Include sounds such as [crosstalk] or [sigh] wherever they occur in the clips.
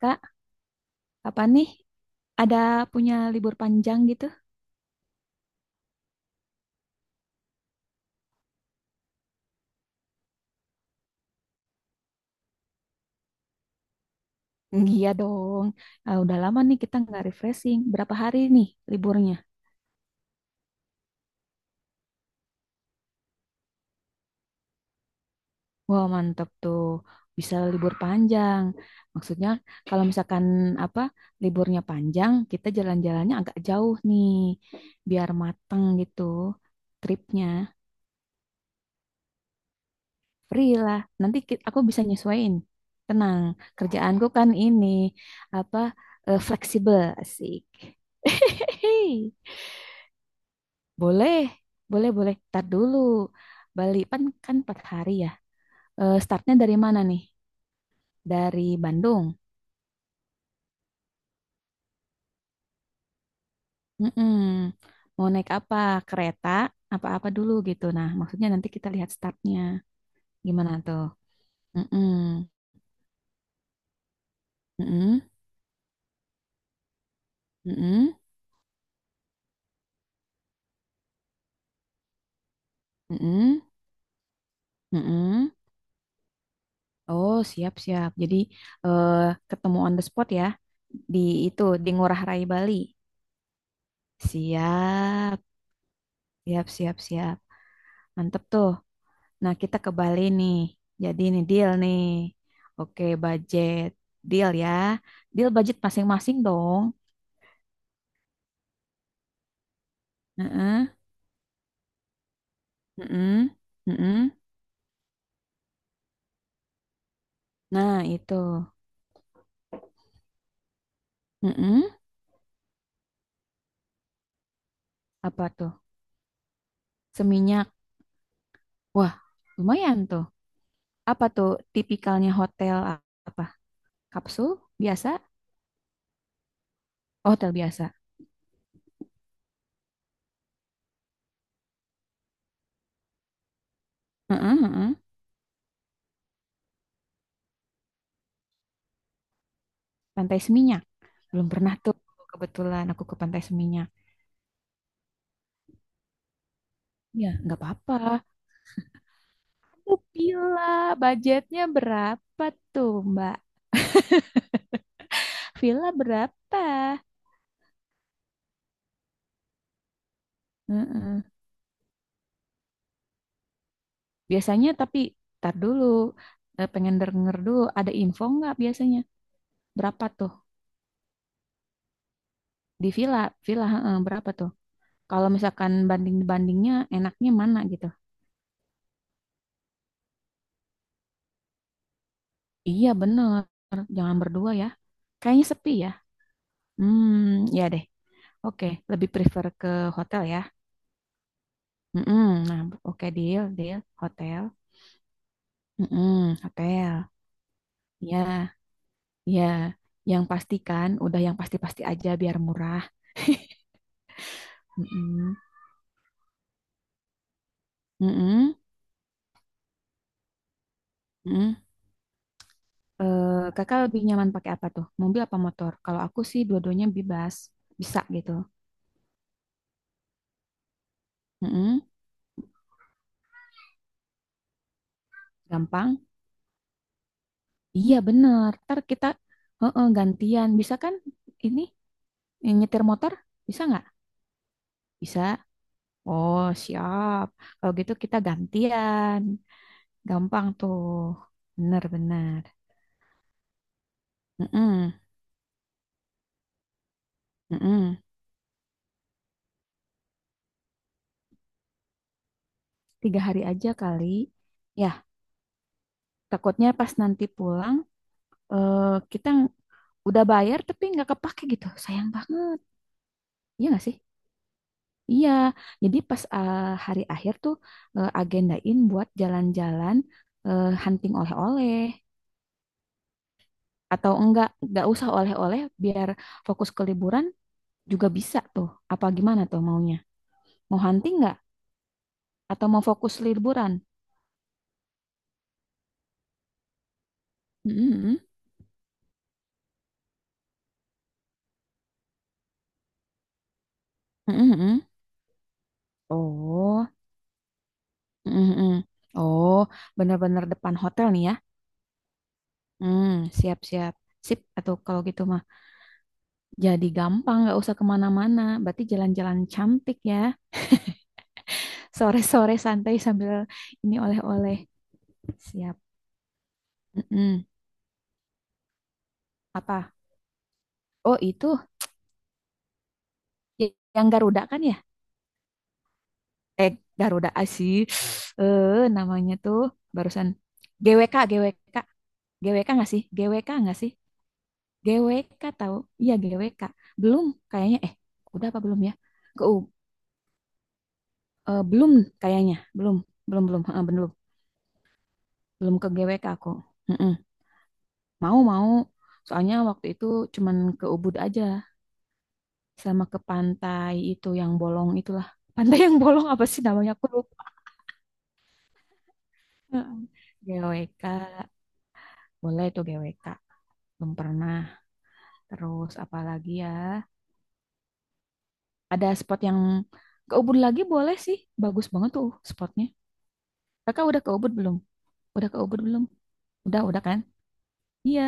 Kak, kapan nih ada punya libur panjang gitu? Hmm, iya [laughs] dong. Ah, udah lama nih kita nggak refreshing. Berapa hari nih liburnya? Wah, mantap tuh. Bisa libur panjang. Maksudnya kalau misalkan apa liburnya panjang, kita jalan-jalannya agak jauh nih, biar mateng gitu tripnya. Free lah. Nanti aku bisa nyesuaiin. Tenang, kerjaanku kan ini apa fleksibel, asik. [laughs] Boleh, boleh, boleh. Tar dulu. Bali kan kan 4 hari ya. Eh, startnya dari mana nih? Dari Bandung. Mm-mm. Mau naik apa? Kereta? Apa-apa dulu gitu. Nah, maksudnya nanti kita lihat startnya. Gimana tuh? Mm-mm. Mm-mm. Mm-mm. Mm-mm. Mm-mm. Oh, siap-siap. Jadi eh, ketemu on the spot ya. Di itu, di Ngurah Rai Bali. Siap. Siap, siap, siap. Mantep tuh. Nah, kita ke Bali nih. Jadi ini deal nih. Oke, budget. Deal ya. Deal budget masing-masing dong. Heeh, heeh, heeh. Nah, itu. Heeh. Apa tuh? Seminyak. Wah, lumayan tuh. Apa tuh tipikalnya hotel apa? Kapsul biasa? Oh, hotel biasa. Heeh, heeh. Pantai Seminyak. Belum pernah tuh. Kebetulan aku ke Pantai Seminyak. Ya, nggak apa-apa. Aku Pila, budgetnya berapa tuh, Mbak? Villa berapa? Heeh. Biasanya tapi tar dulu. Eh, pengen denger dulu ada info nggak biasanya berapa tuh di villa villa heeh, berapa tuh? Kalau misalkan banding-bandingnya enaknya mana gitu? Iya bener, jangan berdua ya. Kayaknya sepi ya. Hmm, ya deh. Oke, lebih prefer ke hotel ya. Mm-mm. Nah, oke deal, deal. Hotel. Mm-mm, hotel. Ya, ya. Yang pastikan, udah yang pasti-pasti aja biar murah. Mm-mm. Mm-mm, mm-mm. Eh, kakak lebih nyaman pakai apa tuh? Mobil apa motor? Kalau aku sih dua-duanya bebas, bisa gitu. Mm-mm, gampang. Iya bener. Ntar kita heeh, gantian. Bisa kan ini nyetir motor? Bisa nggak? Bisa. Oh siap. Kalau gitu kita gantian. Gampang tuh. Bener-bener. Mm-mm, mm-mm. Tiga hari aja kali. Ya, takutnya pas nanti pulang eh, kita udah bayar tapi nggak kepake gitu sayang banget, iya nggak sih, iya, jadi pas hari akhir tuh agendain buat jalan-jalan, hunting oleh-oleh atau enggak nggak usah oleh-oleh biar fokus ke liburan juga bisa tuh, apa gimana tuh maunya, mau hunting nggak atau mau fokus liburan. Mm-mm, mm-mm, mm-mm, oh mm mm-mm. Oh bener-bener depan hotel nih ya. Hmm, siap-siap sip atau kalau gitu mah jadi gampang, nggak usah kemana-mana. Berarti jalan-jalan cantik ya. Sore-sore santai sambil ini oleh-oleh. Siap. Mm-mm. Apa? Oh itu yang Garuda kan ya? Eh Garuda sih. Eh namanya tuh barusan GWK GWK, GWK nggak sih? GWK nggak sih? GWK tahu? Iya GWK. Belum kayaknya. Eh udah apa belum ya? Ke U- eh, belum kayaknya. Belum belum belum Eh, belum belum ke GWK aku. Mm-mm. Mau mau. Soalnya waktu itu cuman ke Ubud aja sama ke pantai itu yang bolong itulah. [laughs] Pantai yang bolong apa sih namanya aku lupa. Heeh. GWK. Boleh tuh GWK. Belum pernah. Terus apa lagi ya? Ada spot yang ke Ubud lagi boleh sih. Bagus banget tuh spotnya. Kakak udah ke Ubud belum? Udah ke Ubud belum? Udah kan? Iya.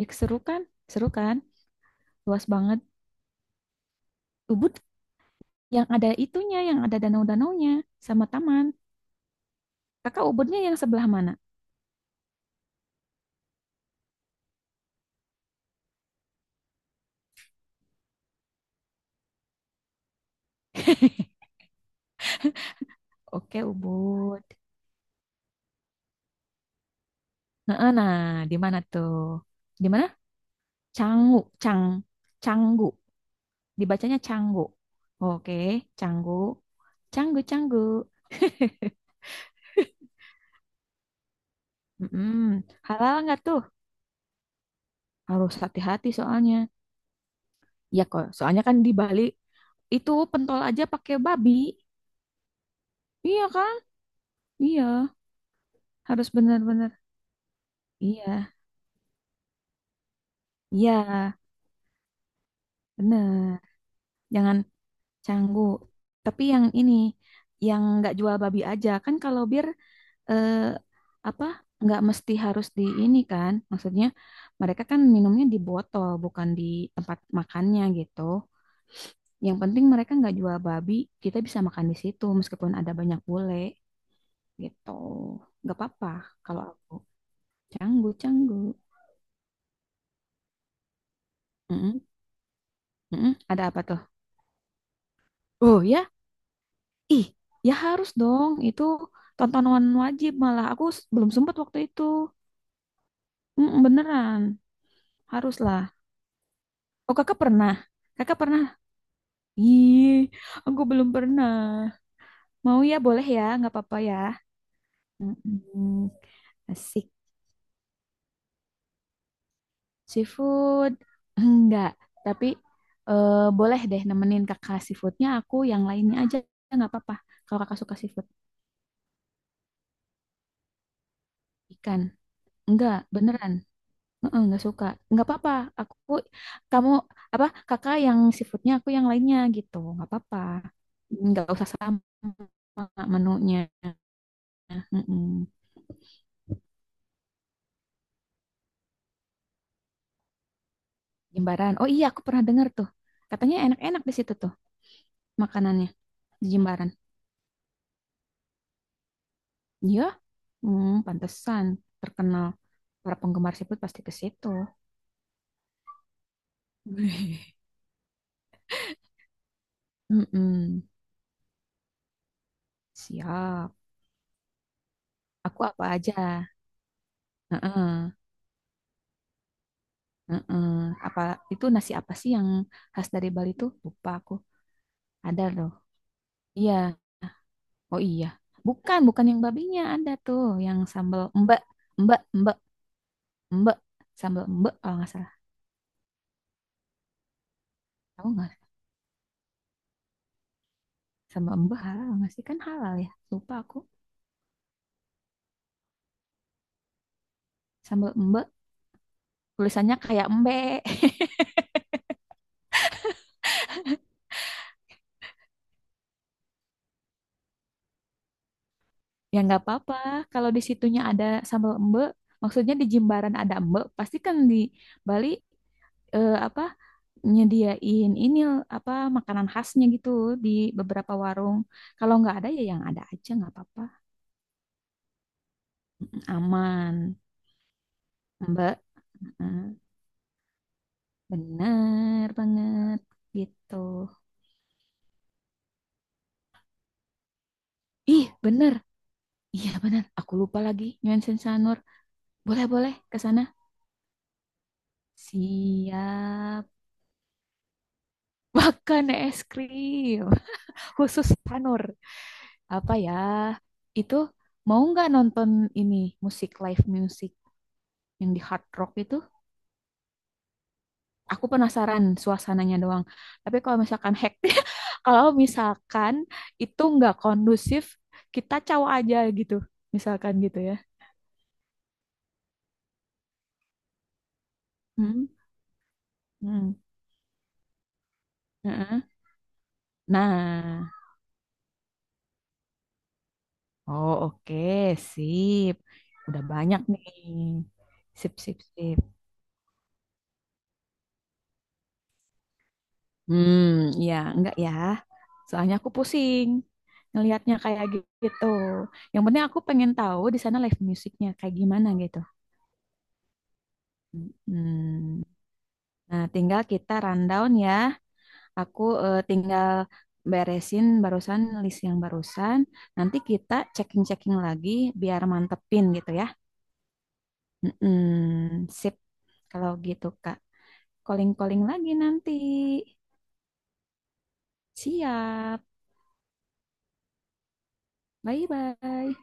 Ya seru kan? Seru kan? Luas banget. Ubud yang ada itunya, yang ada danau-danaunya sama taman. Kakak Ubudnya yang sebelah mana? [laughs] Oke, Ubud. Nah, eh, nah, di mana tuh? Di mana? Canggu, Cang, Canggu. Dibacanya Canggu. Oke, Canggu. Canggu, Canggu. Mm-mm. Halal nggak tuh? Harus hati-hati soalnya. Iya kok, soalnya kan di Bali itu pentol aja pakai babi. Iya kan? Iya, harus benar-benar. Iya, iya, benar. Jangan Canggu. Tapi yang ini, yang nggak jual babi aja kan kalau bir eh, apa, nggak mesti harus di ini kan? Maksudnya mereka kan minumnya di botol bukan di tempat makannya gitu. Yang penting mereka nggak jual babi, kita bisa makan di situ meskipun ada banyak bule gitu. Nggak apa-apa kalau aku canggu canggu. Mm-mm, mm-mm. Ada apa tuh? Oh ya, ih ya harus dong itu tontonan wajib malah aku belum sempat waktu itu. Mm, beneran, haruslah. Oh, kakak pernah? Kakak pernah? Ih, aku belum pernah. Mau ya, boleh ya, nggak apa-apa ya. Mm-mm. Asik. Seafood? Enggak, tapi boleh deh nemenin kakak seafoodnya aku yang lainnya aja, nggak apa-apa. Kalau kakak suka seafood. Ikan? Enggak, beneran. Heeh, nggak suka. Nggak apa-apa, aku, kamu, apa, kakak yang seafoodnya aku yang lainnya gitu. Nggak apa-apa. Nggak usah sama. Nah, menunya. Mm-mm. Jimbaran. Oh iya, aku pernah dengar tuh. Katanya enak-enak di situ tuh makanannya di Jimbaran. Iya, hmm, pantesan terkenal. Para penggemar seafood pasti ke situ. [laughs] Mm-mm. Siap. Aku apa aja? Heeh, heeh. Apa itu nasi apa sih yang khas dari Bali tuh? Lupa aku. Ada loh. Iya. Oh iya. Bukan, bukan yang babinya ada tuh, yang sambal embek, embek, embek, embek, sambal embek kalau nggak salah. Tahu nggak? Sambal embe halal nggak sih? Kan halal ya. Lupa aku. Sambal embe tulisannya kayak embe. [laughs] Ya nggak apa-apa. Kalau di situnya ada sambal embe maksudnya di Jimbaran ada embe pasti kan di Bali apa nyediain ini apa makanan khasnya gitu di beberapa warung. Kalau nggak ada ya yang ada aja nggak apa-apa. Aman. Mbak, mm, bener banget gitu. Ih, bener. Iya bener. Aku lupa lagi. Nyuan Sensanur. Boleh, boleh ke sana. Siap. [laughs] Makan es krim khusus Tanur. Apa ya? Itu mau nggak nonton ini musik live music yang di Hard Rock itu? Aku penasaran suasananya doang. Tapi kalau misalkan hack, [laughs] kalau misalkan itu nggak kondusif, kita caw aja gitu. Misalkan gitu ya. Hmm. Hmm. Heeh. Nah, oh, oke, sip. Udah banyak nih. Sip, sip, sip. Hmm, ya, enggak ya. Soalnya aku pusing ngelihatnya kayak gitu. Yang penting aku pengen tahu di sana live musiknya kayak gimana gitu. Hmm. Nah, tinggal kita rundown ya. Aku tinggal beresin barusan list yang barusan. Nanti kita checking-checking lagi biar mantepin gitu ya. Mm-mm, sip. Kalau gitu, Kak. Calling-calling lagi nanti. Siap. Bye-bye.